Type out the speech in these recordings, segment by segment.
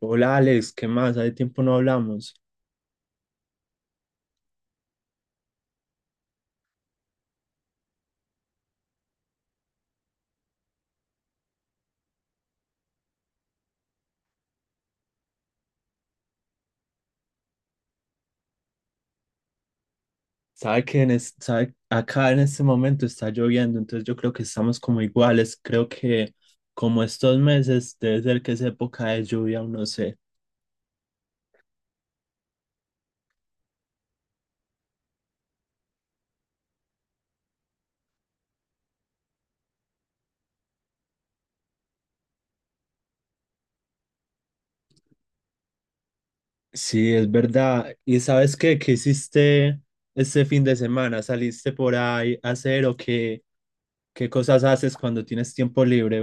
Hola Alex, ¿qué más? Hace tiempo no hablamos. Sabe que acá en este momento está lloviendo, entonces yo creo que estamos como iguales. Creo que como estos meses debe ser que es época de lluvia, o no sé. Sí, es verdad. ¿Y sabes qué? ¿Qué hiciste este fin de semana? ¿Saliste por ahí a hacer o qué, qué cosas haces cuando tienes tiempo libre?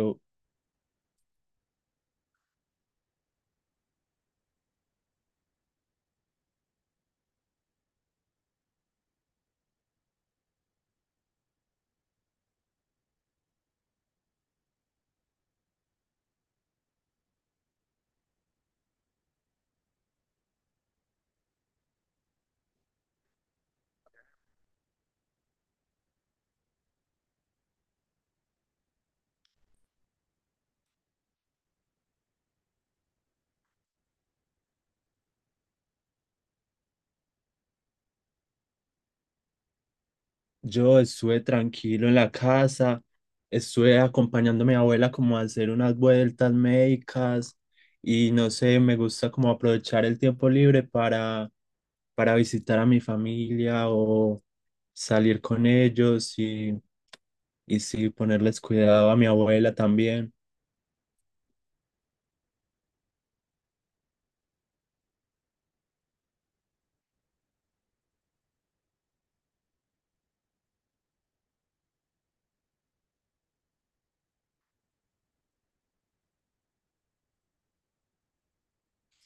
Yo estuve tranquilo en la casa, estuve acompañando a mi abuela como a hacer unas vueltas médicas y no sé, me gusta como aprovechar el tiempo libre para visitar a mi familia o salir con ellos y sí, ponerles cuidado a mi abuela también.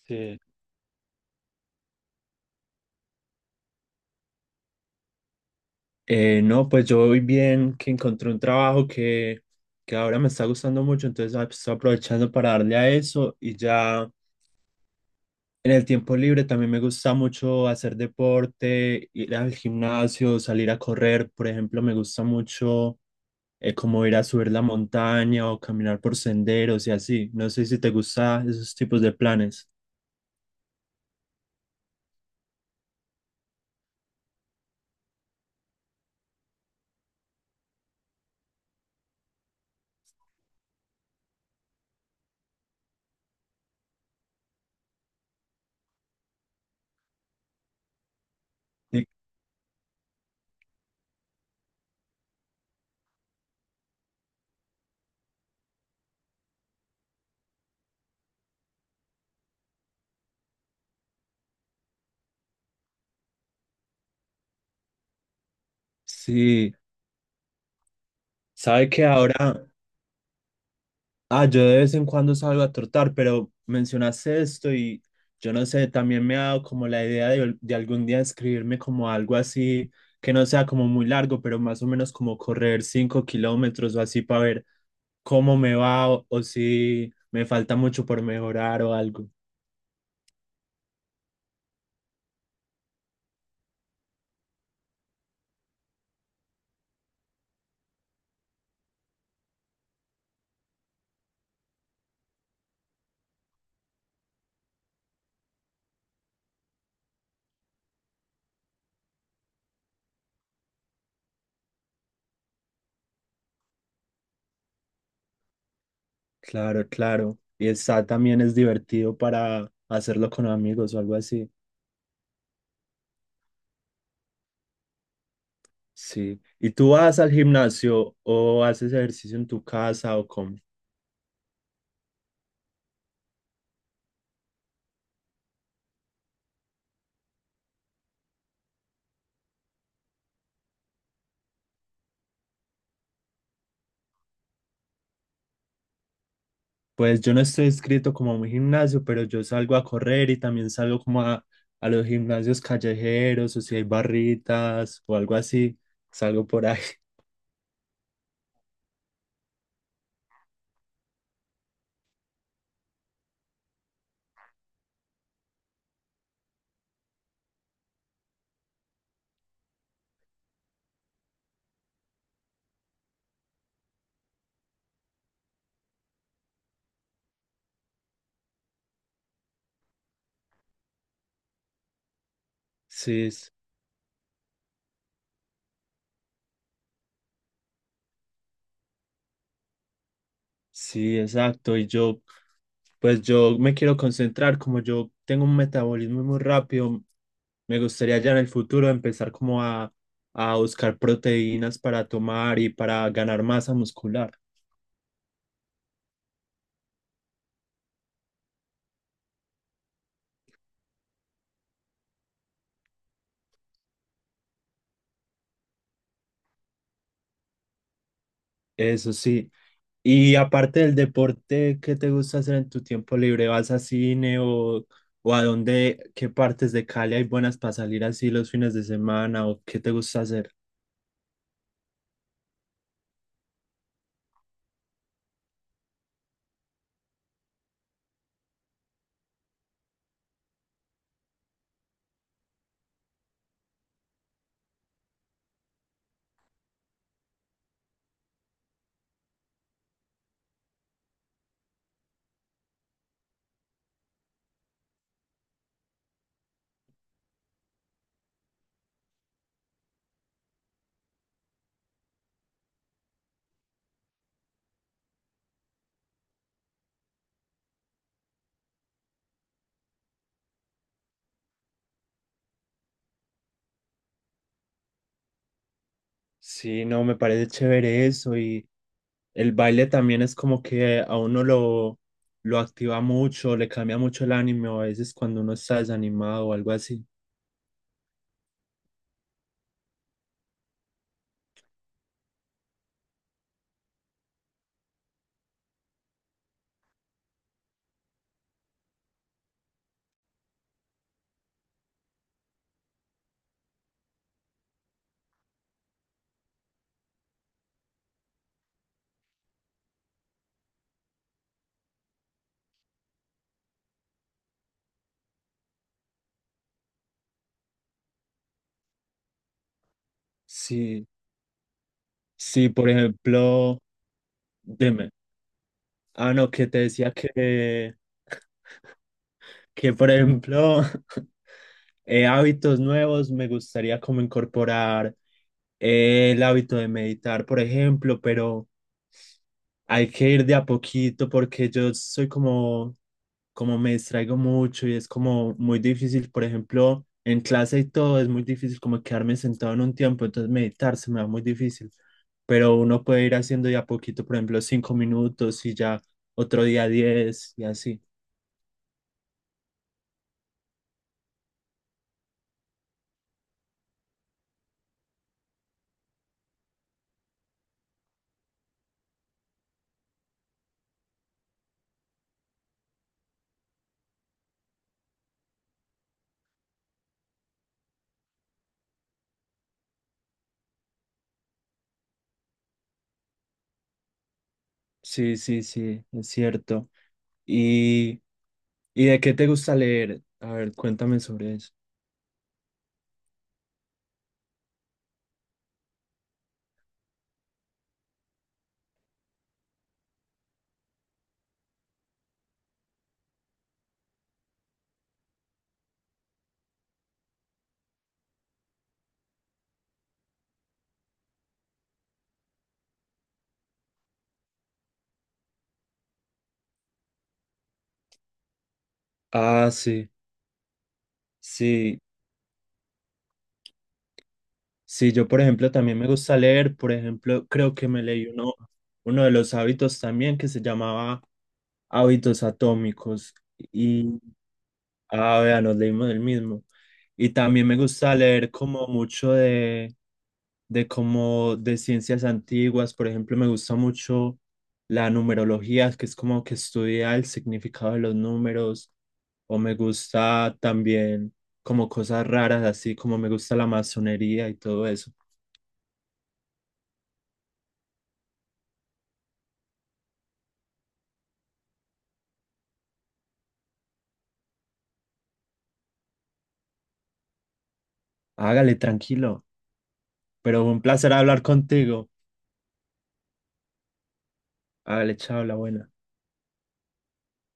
Sí. No, pues yo voy bien, que encontré un trabajo que ahora me está gustando mucho, entonces pues, estoy aprovechando para darle a eso y ya en el tiempo libre también me gusta mucho hacer deporte, ir al gimnasio, salir a correr, por ejemplo, me gusta mucho como ir a subir la montaña o caminar por senderos y así. No sé si te gustan esos tipos de planes. Sí, sí, sabe que ahora... Ah, yo de vez en cuando salgo a trotar, pero mencionaste esto y yo no sé, también me ha dado como la idea de algún día escribirme como algo así, que no sea como muy largo, pero más o menos como correr 5 kilómetros o así para ver cómo me va o si me falta mucho por mejorar o algo. Claro, claro. Y está también es divertido para hacerlo con amigos o algo así. Sí. ¿Y tú vas al gimnasio o haces ejercicio en tu casa o cómo? Pues yo no estoy inscrito como a un gimnasio, pero yo salgo a correr y también salgo como a los gimnasios callejeros o si hay barritas o algo así, salgo por ahí. Sí, sí, exacto. Y yo, pues yo me quiero concentrar, como yo tengo un metabolismo muy rápido, me gustaría ya en el futuro empezar como a buscar proteínas para tomar y para ganar masa muscular. Eso sí. Y aparte del deporte, ¿qué te gusta hacer en tu tiempo libre? ¿Vas a cine o a dónde, qué partes de Cali hay buenas para salir así los fines de semana o qué te gusta hacer? Sí, no, me parece chévere eso y el baile también es como que a uno lo activa mucho, le cambia mucho el ánimo a veces cuando uno está desanimado o algo así. Sí, sí, por ejemplo, dime, ah, no, que te decía que... que por ejemplo, hábitos nuevos, me gustaría como incorporar el hábito de meditar, por ejemplo, pero hay que ir de a poquito porque yo soy como, como me distraigo mucho y es como muy difícil, por ejemplo, en clase y todo es muy difícil como quedarme sentado en un tiempo, entonces meditar se me va muy difícil, pero uno puede ir haciendo de a poquito, por ejemplo, 5 minutos y ya otro día 10 y así. Sí, sí, sí, es cierto. ¿Y, y de qué te gusta leer? A ver, cuéntame sobre eso. Ah, sí, sí, sí, yo por ejemplo también me gusta leer, por ejemplo, creo que me leí uno, uno de los hábitos también que se llamaba Hábitos Atómicos. Y. Ah, vea, nos leímos el mismo. Y también me gusta leer como mucho de como de ciencias antiguas. Por ejemplo, me gusta mucho la numerología, que es como que estudia el significado de los números. O me gusta también como cosas raras, así como me gusta la masonería y todo eso. Hágale, tranquilo. Pero un placer hablar contigo. Hágale, chao, la buena.